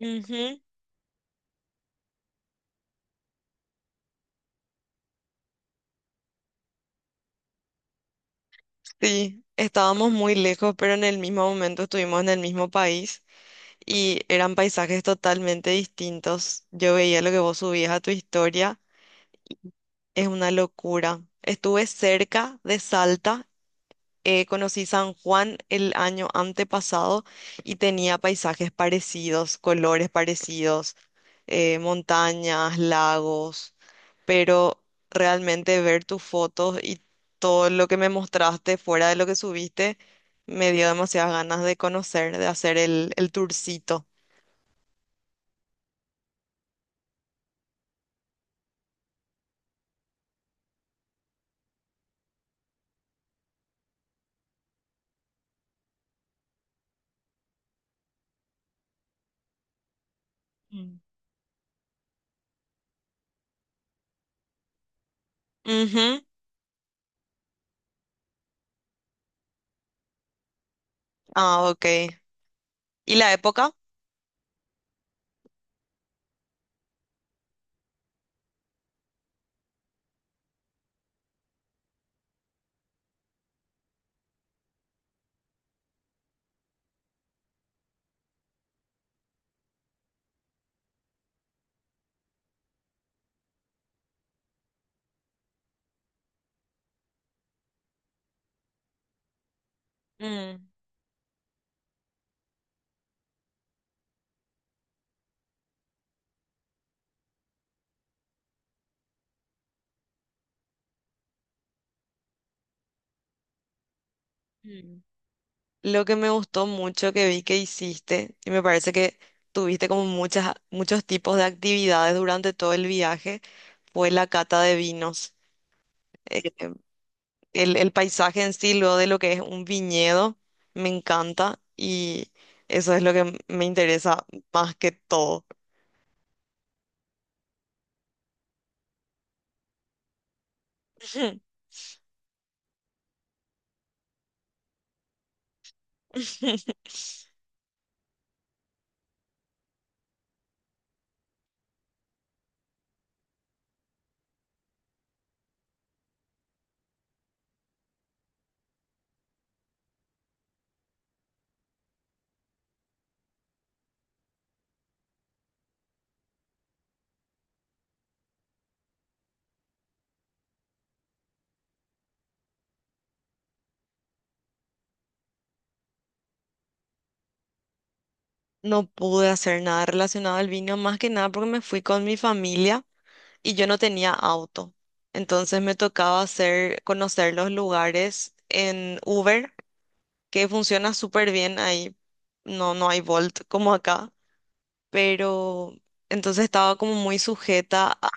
Ujú. Sí, estábamos muy lejos, pero en el mismo momento estuvimos en el mismo país y eran paisajes totalmente distintos. Yo veía lo que vos subías a tu historia, es una locura. Estuve cerca de Salta. Conocí San Juan el año antepasado y tenía paisajes parecidos, colores parecidos, montañas, lagos, pero realmente ver tus fotos y todo lo que me mostraste fuera de lo que subiste me dio demasiadas ganas de conocer, de hacer el tourcito. Mm. Ujú. Ah, ok. ¿Y la época? Mm. Mm. Lo que me gustó mucho que vi que hiciste, y me parece que tuviste como muchos tipos de actividades durante todo el viaje, fue la cata de vinos. Eh, el paisaje en sí, luego de lo que es un viñedo, me encanta, y eso es lo que me interesa más que todo. No pude hacer nada relacionado al vino, más que nada porque me fui con mi familia, y yo no tenía auto. Entonces me tocaba hacer, conocer los lugares en Uber, que funciona súper bien ahí. No hay Bolt como acá, pero entonces estaba como muy sujeta a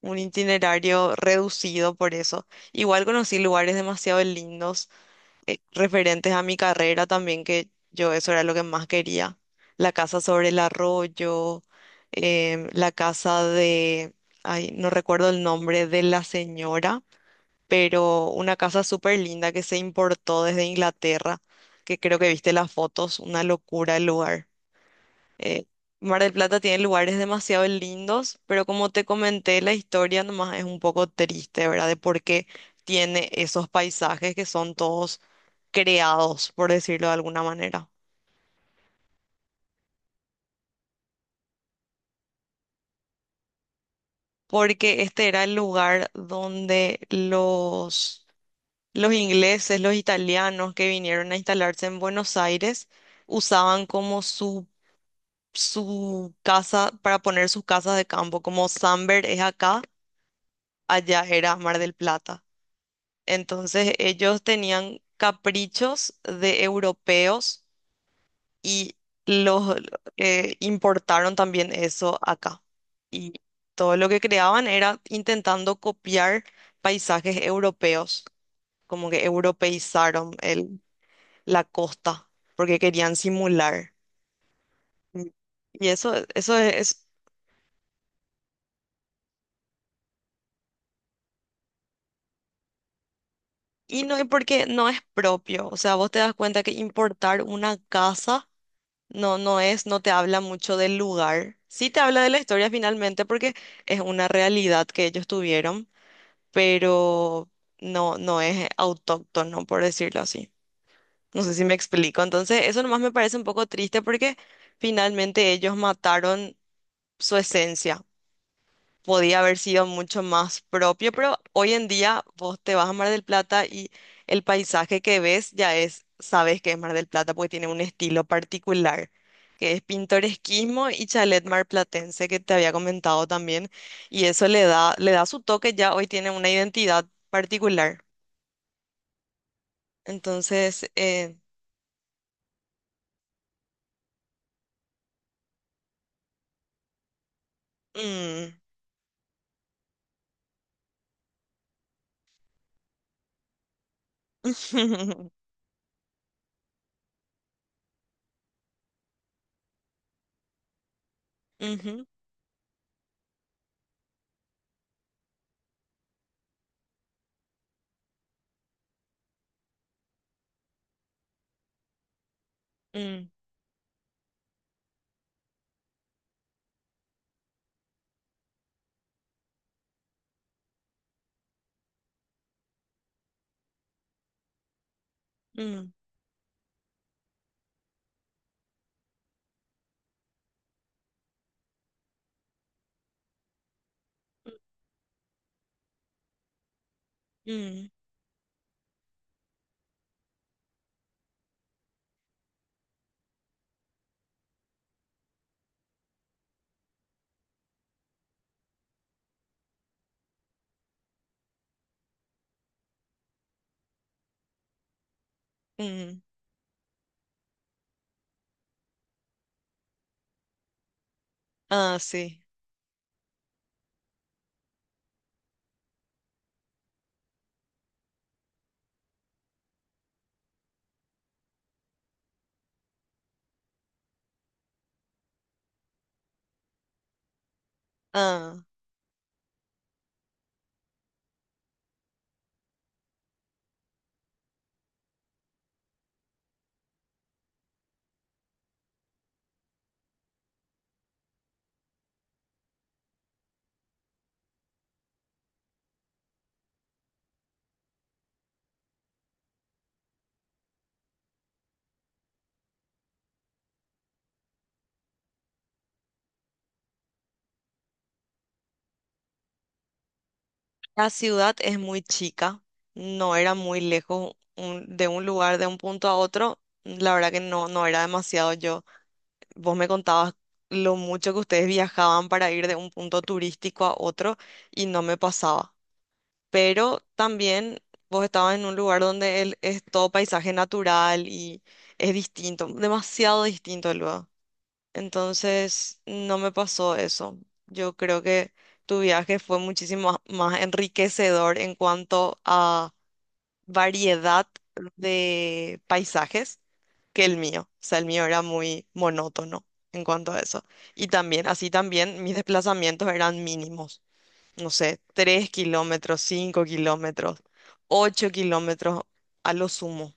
un itinerario reducido por eso. Igual conocí lugares demasiado lindos, referentes a mi carrera también, que yo eso era lo que más quería. La casa sobre el arroyo, la casa de, ay, no recuerdo el nombre de la señora, pero una casa súper linda que se importó desde Inglaterra, que creo que viste las fotos, una locura el lugar. Eh, Mar del Plata tiene lugares demasiado lindos, pero como te comenté, la historia nomás es un poco triste, ¿verdad? De por qué tiene esos paisajes que son todos creados, por decirlo de alguna manera. Porque este era el lugar donde los ingleses, los italianos que vinieron a instalarse en Buenos Aires, usaban como su casa para poner sus casas de campo, como Samber es acá, allá era Mar del Plata. Entonces ellos tenían caprichos de europeos, y los importaron también eso acá. Y todo lo que creaban era intentando copiar paisajes europeos, como que europeizaron la costa porque querían simular. Mm. Y eso es- y no es porque no es propio, o sea, vos te das cuenta que importar una casa, no es, no te habla mucho del lugar. Sí te habla de la historia finalmente porque es una realidad que ellos tuvieron, pero no es autóctono, por decirlo así. No sé si me explico. Entonces, eso nomás me parece un poco triste porque finalmente ellos mataron su esencia, podía haber sido mucho más propio, pero hoy en día vos te vas a Mar del Plata y el paisaje que ves ya es, sabes que es Mar del Plata porque tiene un estilo particular, que es pintoresquismo y chalet marplatense que te había comentado también, y eso le da su toque, ya hoy tiene una identidad particular. Entonces, mm. Ujú. Mm. Mm. Mm. Mm. Ah, sí. Ah. La ciudad es muy chica, no era muy lejos un- de un lugar, de un punto a otro. La verdad que no era demasiado yo. Vos me contabas lo mucho que ustedes viajaban para ir de un punto turístico a otro y no me pasaba. Pero también vos estabas en un lugar donde el- es todo paisaje natural y es distinto, demasiado distinto luego. Entonces, no me pasó eso. Yo creo que tu viaje fue muchísimo más más enriquecedor en cuanto a variedad de paisajes que el mío. O sea, el mío era muy monótono en cuanto a eso. Y también, así también, mis desplazamientos eran mínimos. No sé, 3 km, 5 km, 8 km a lo sumo.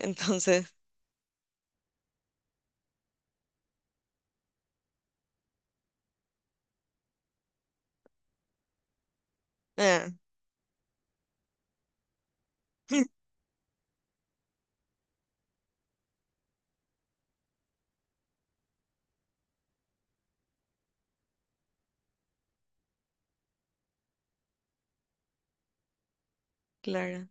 Entonces, eh, claro,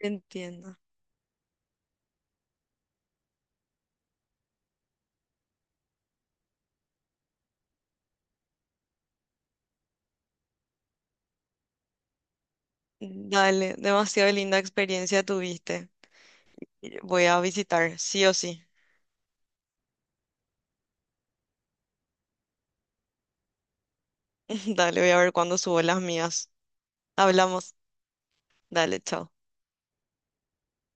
entiendo. Dale, demasiado linda experiencia tuviste. Voy a visitar, sí o sí. Dale, voy a ver cuándo subo las mías. Hablamos. Dale, chao.